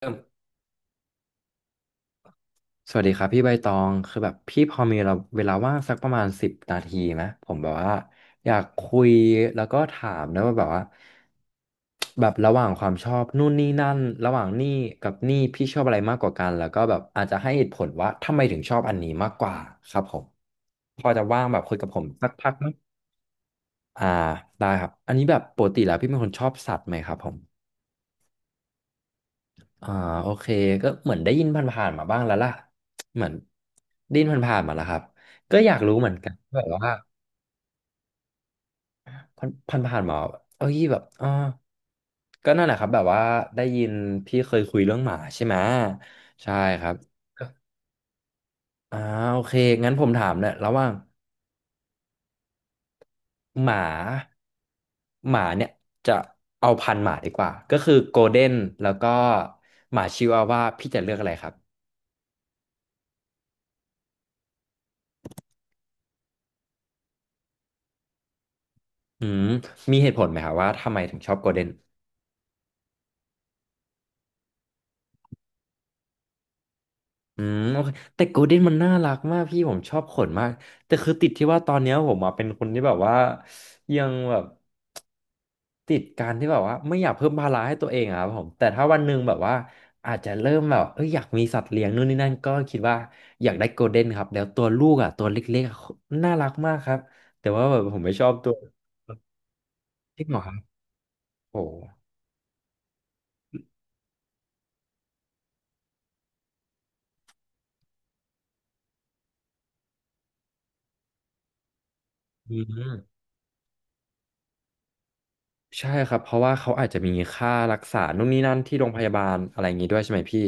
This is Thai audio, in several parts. เริ่มสวัสดีครับพี่ใบตองคือแบบพี่พอมีเราเวลาว่างสักประมาณสิบนาทีไหมผมแบบว่าอยากคุยแล้วก็ถามนะว่าแบบว่าแบบระหว่างความชอบนู่นนี่นั่นระหว่างนี่กับนี่พี่ชอบอะไรมากกว่ากันแล้วก็แบบอาจจะให้เหตุผลว่าทำไมถึงชอบอันนี้มากกว่าครับผมพอจะว่างแบบคุยกับผมสักพักไหมอ่าได้ครับอันนี้แบบปกติแล้วพี่เป็นคนชอบสัตว์ไหมครับผม อ่าโอเคก็เหมือนได้ยินผ่านๆมาบ้างแล้วล่ะเหมือนได้ยินผ่านๆมาแล้วครับก็อยากรู้เหมือนกันแบบว่าผ่านๆมาเอ้ยแบบก็นั่นแหละครับแบบว่าได้ยินพี่เคยคุยเรื่องหมาใช่ไหมใช่ครับก็อ่าโอเคงั้นผมถามเนี่ยระหว่างหมาเนี่ยจะเอาพันธุ์หมาดีกว่าก็คือโกลเด้นแล้วก็หมาชิวาว่าพี่จะเลือกอะไรครับอืมมีเหตุผลไหมครับว่าทำไมถึงชอบโกลเด้น โอเคแต่โกลเด้นมันน่ารักมากพี่ผมชอบขนมากแต่คือติดที่ว่าตอนเนี้ยผมอะเป็นคนที่แบบว่ายังแบบติดการที่แบบว่าไม่อยากเพิ่มภาระให้ตัวเองอะครับผมแต่ถ้าวันหนึ่งแบบว่าอาจจะเริ่มแบบเอยอยากมีสัตว์เลี้ยงนู่นนี่นั่นก็คิดว่าอยากได้โกลเด้นครับแล้วตัวลูกอ่ะตัวเล็กๆอะน่ารักมากครับแต่ว่าแบบผมไม่ชอบตัวจริงเหรอครับโอ้อืมใช่ครับเพราะว่าเขาอาจจะมีค่ารักษานู่นนี่นั่นที่โรงพยาบาลอะไรอย่างงี้ด้วยใช่ไหมพี่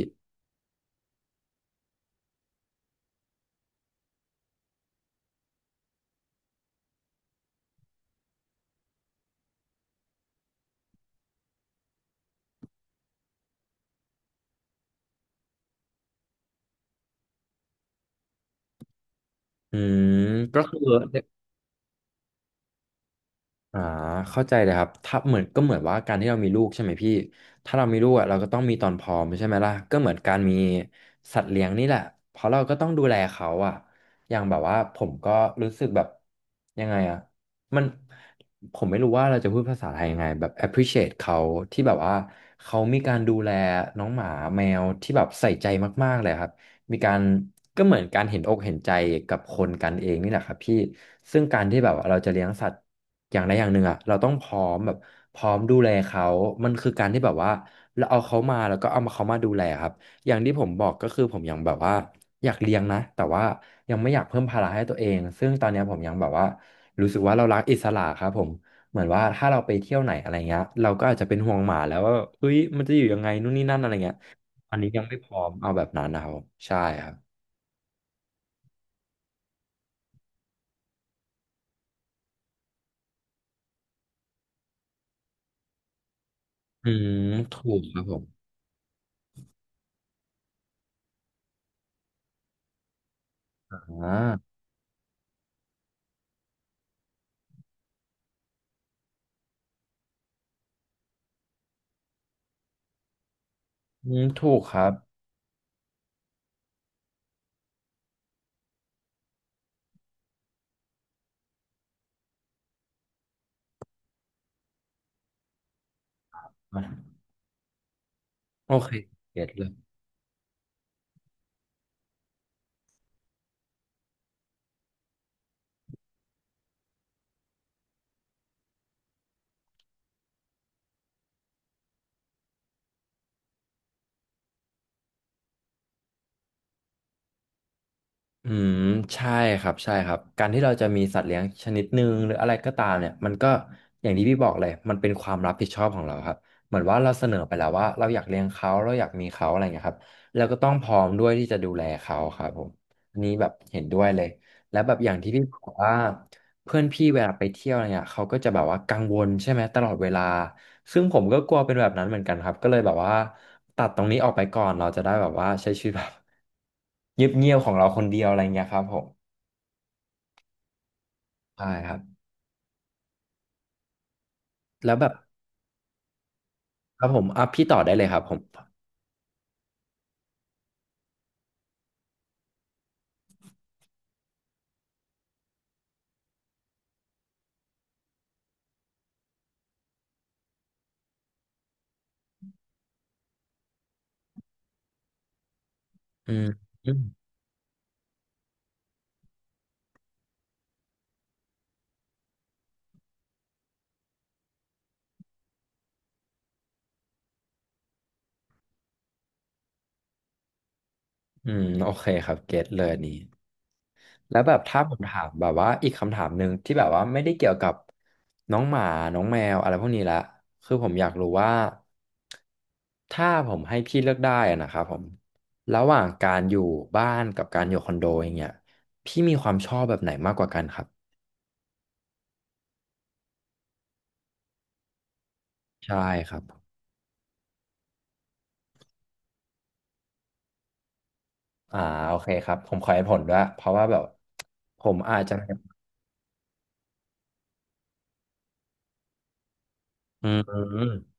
อืมก็คืออ่าเข้าใจเลยครับถ้าเหมือนก็เหมือนว่าการที่เรามีลูกใช่ไหมพี่ถ้าเรามีลูกอ่ะเราก็ต้องมีตอนพร้อมใช่ไหมล่ะก็เหมือนการมีสัตว์เลี้ยงนี่แหละเพราะเราก็ต้องดูแลเขาอ่ะอย่างแบบว่าผมก็รู้สึกแบบยังไงอ่ะมันผมไม่รู้ว่าเราจะพูดภาษาไทยยังไงแบบ appreciate เขาที่แบบว่าเขามีการดูแลน้องหมาแมวที่แบบใส่ใจมากๆเลยครับ มีการก็เหมือนการเห็นอกเห็นใจกับคนกันเองนี่แหละครับพี่ซึ่งการที่แบบว่าเราจะเลี้ยงสัตว์อย่างใดอย่างหนึ่งอ่ะเราต้องพร้อมแบบพร้อมดูแลเขามันคือการที่แบบว่าเราเอาเขามาแล้วก็เอามาเขามาดูแลครับอย่างที่ผมบอกก็คือผมยังแบบว่าอยากเลี้ยงนะแต่ว่ายังไม่อยากเพิ่มภาระให้ตัวเองซึ่งตอนเนี้ยผมยังแบบว่ารู้สึกว่าเรารักอิสระครับผมเหมือนว่าถ้าเราไปเที่ยวไหนอะไรเงี้ยเราก็อาจจะเป็นห่วงหมาแล้วว่าเฮ้ยมันจะอยู่ยังไงนู่นนี่นั่นอะไรเงี้ย อันนี้ยังไม่พร้อมเอาแบบนั้นนะครับผมใช่ครับอืมถูกครับผมอ่าอืมถูกครับอ่ะโอเคเก็ตเลยอืมใช่ครับใช่ครับการที่เราจะมีสัตว์เลี้ยงชนิดหนึ่งหรืออะไรก็ตามเนี่ยมันก็อย่างที่พี่บอกเลยมันเป็นความรับผิดชอบของเราครับเหมือนว่าเราเสนอไปแล้วว่าเราอยากเลี้ยงเขาเราอยากมีเขาอะไรเงี้ยครับเราก็ต้องพร้อมด้วยที่จะดูแลเขาครับผมอันนี้แบบเห็นด้วยเลยแล้วแบบอย่างที่พี่บอกว่า เพื่อนพี่เวลาไปเที่ยวอะไรเงี้ยเขาก็จะแบบว่ากังวลใช่ไหมตลอดเวลาซึ่งผมก็กลัวเป็นแบบนั้นเหมือนกันครับก็เลยแบบว่าตัดตรงนี้ออกไปก่อนเราจะได้แบบว่าใช้ชีวิตแบบเงียบๆของเราคนเดียวอะไรเงี้ยครับผมใช่ครับแล้วแบบครับผมอ่ะพี่ต่อได้เลยครับผมอืมอืมอืมโอเคครับเก็ตเลยอันนี้ แล้วแบบถ้าผมถามแบบว่าอีกคำถามหนึ่งที่แบบว่าไม่ได้เกี่ยวกับน้องหมาน้องแมวอะไรพวกนี้ละคือผมอยากรู้ว่าถ้าผมให้พี่เลือกได้อะนะครับผมระหว่างการอยู่บ้านกับการอยู่คอนโดอย่างเงี้ยพี่มีความชอบแบบไหนมากกว่ากันครับใช่ครับอ่าโอเคครับผมขอให้ผลด้วยเพราะว่าแบบผมอาจจะอืม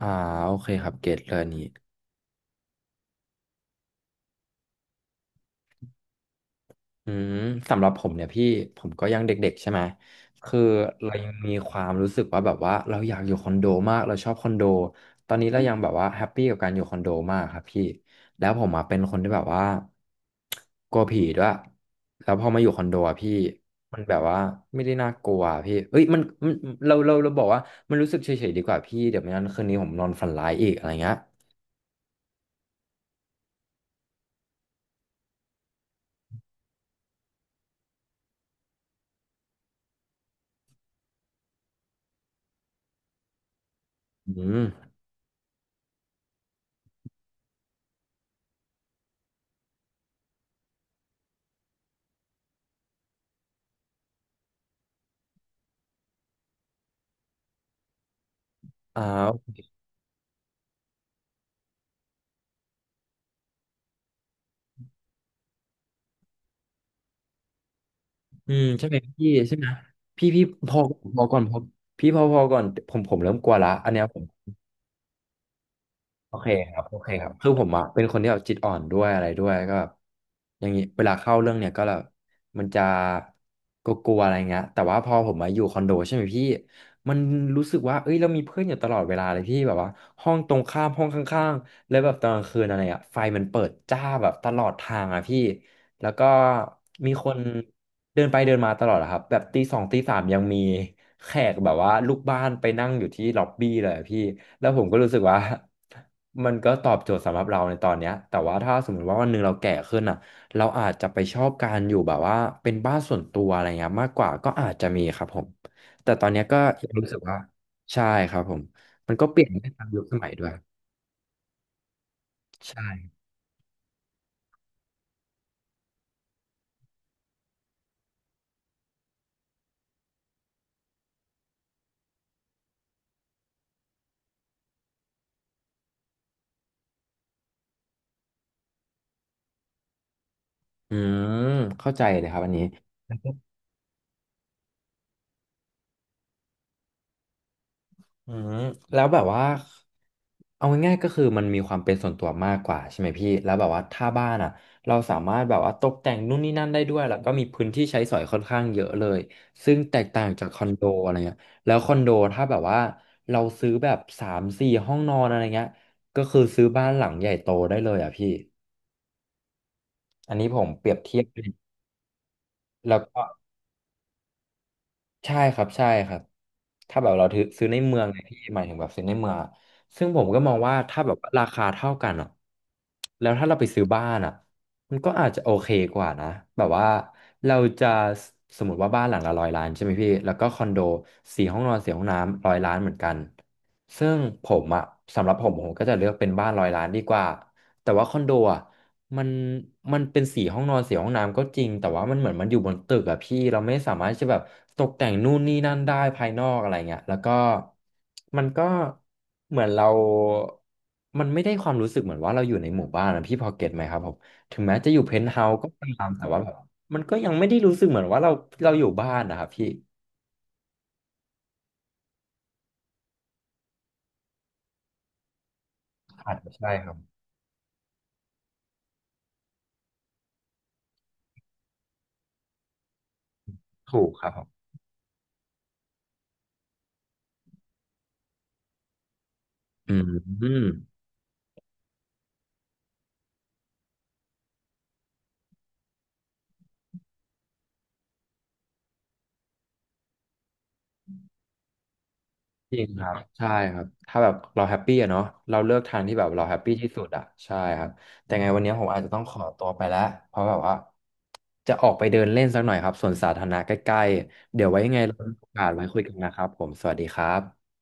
อ่าโอเคครับเก็ตเลยอันนี้ อืมสำหรับผมเนี่ยพี่ผมก็ยังเด็กๆใช่ไหมคือเรายังมีความรู้สึกว่าแบบว่าเราอยากอยู่คอนโดมากเราชอบคอนโดตอนนี้เรายังแบบว่าแฮปปี้กับการอยู่คอนโดมากครับพี่แล้วผมอ่ะเป็นคนที่แบบว่ากลัวผีด้วยแล้วพอมาอยู่คอนโดอะพี่มันแบบว่าไม่ได้น่ากลัวอะพี่เอ้ยมันเราบอกว่ามันรู้สึกเฉยๆดีกว่าพี่เดี๋ยวไม่งั้นคืนนี้ผมนอนฝันร้ายอีกอะไรเงี้ยอืมอ่า อืมใช่ไหมพี่ใช่ไหมพี่พอพอก่อนพี่พอก่อนผมเริ่มกลัวละอันเนี้ยผมโอเคครับโอเคครับคือผมอะเป็นคนที่แบบจิตอ่อนด้วยอะไรด้วยก็แบบอย่างงี้เวลาเข้าเรื่องเนี่ยก็แบบมันจะกลัวๆอะไรเงี้ยแต่ว่าพอผมมาอยู่คอนโดใช่ไหมพี่มันรู้สึกว่าเอ้ยเรามีเพื่อนอยู่ตลอดเวลาเลยพี่แบบว่าห้องตรงข้ามห้องข้างๆแล้วแบบตอนกลางคืนอะไรอะไฟมันเปิดจ้าแบบตลอดทางอะพี่ แล้วก็มีคนเดินไปเดินมาตลอดอะครับแบบตี 2ตี 3ยังมีแขกแบบว่าลูกบ้านไปนั่งอยู่ที่ล็อบบี้เลยอะพี่แล้วผมก็รู้สึกว่า มันก็ตอบโจทย์สำหรับเราในตอนเนี้ยแต่ว่าถ้าสมมติว่าวันหนึ่งเราแก่ขึ้นอ่ะเราอาจจะไปชอบการอยู่แบบว่าเป็นบ้านส่วนตัวอะไรเงี้ยมากกว่าก็อาจจะมีครับผมแต่ตอนเนี้ยก็ยังรู้สึกว่าใช่ครับผมมันก็เปลี่ยนไปตามยุคสมัยด้วยใช่อืมเข้าใจเลยครับอันนี้ อืมแล้วแบบว่าเอาง่ายๆก็คือมันมีความเป็นส่วนตัวมากกว่าใช่ไหมพี่แล้วแบบว่าถ้าบ้านอ่ะเราสามารถแบบว่าตกแต่งนู่นนี่นั่นได้ด้วยแล้วก็มีพื้นที่ใช้สอยค่อนข้างเยอะเลยซึ่งแตกต่างจากคอนโดอะไรเงี้ยแล้วคอนโดถ้าแบบว่าเราซื้อแบบ3-4 ห้องนอนอะไรเงี้ยก็คือซื้อบ้านหลังใหญ่โตได้เลยอ่ะพี่อันนี้ผมเปรียบเทียบแล้วก็ ใช่ครับใช่ครับถ้าแบบเราถือซื้อในเมืองเนี่ยพี่หมายถึงแบบซื้อในเมืองอะซึ่งผมก็มองว่าถ้าแบบว่าราคาเท่ากันอ่ะแล้วถ้าเราไปซื้อบ้านอ่ะมันก็อาจจะโอเคกว่านะแบบว่าเราจะสสมมติว่าบ้านหลังละร้อยล้านใช่ไหมพี่แล้วก็คอนโดสี่ห้องนอน4 ห้องน้ำร้อยล้านเหมือนกันซึ่งผมอ่ะสำหรับผมผมก็จะเลือกเป็นบ้านร้อยล้านดีกว่าแต่ว่าคอนโดอ่ะ มันมันเป็นสีห้องนอนสีห้องน้ำก็จริงแต่ว่ามันเหมือนมันอยู่บนตึกอะพี่เราไม่สามารถที่จะแบบตกแต่งนู่นนี่นั่นได้ภายนอกอะไรเงี้ยแล้วก็มันก็เหมือนเรามันไม่ได้ความรู้สึกเหมือนว่าเราอยู่ในหมู่บ้านนะพี่พอเก็ตไหมครับผมถึงแม้จะอยู่เพนท์เฮาส์ก็ตามแต่ว่าแบบมันก็ยังไม่ได้รู้สึกเหมือนว่าเราอยู่บ้านนะครับพี่อาจจะใช่ครับถูกครับผมอืม จริงครับใช่ครับถ้าแบบเราแฮปปี้อะเนาะเราเลือกทางที่แบบเราแฮปปี้ที่สุดอะใช่ครับแต่ไงวันนี้ผมอาจจะต้องขอตัวไปแล้วเพราะแบบว่าจะออกไปเดินเล่นสักหน่อยครับสวนสาธารณะใกล้ๆเดี๋ยวไว้ยังไงเรามีโอกาสไว้คุยกันนะครับผมสวัสดีครับ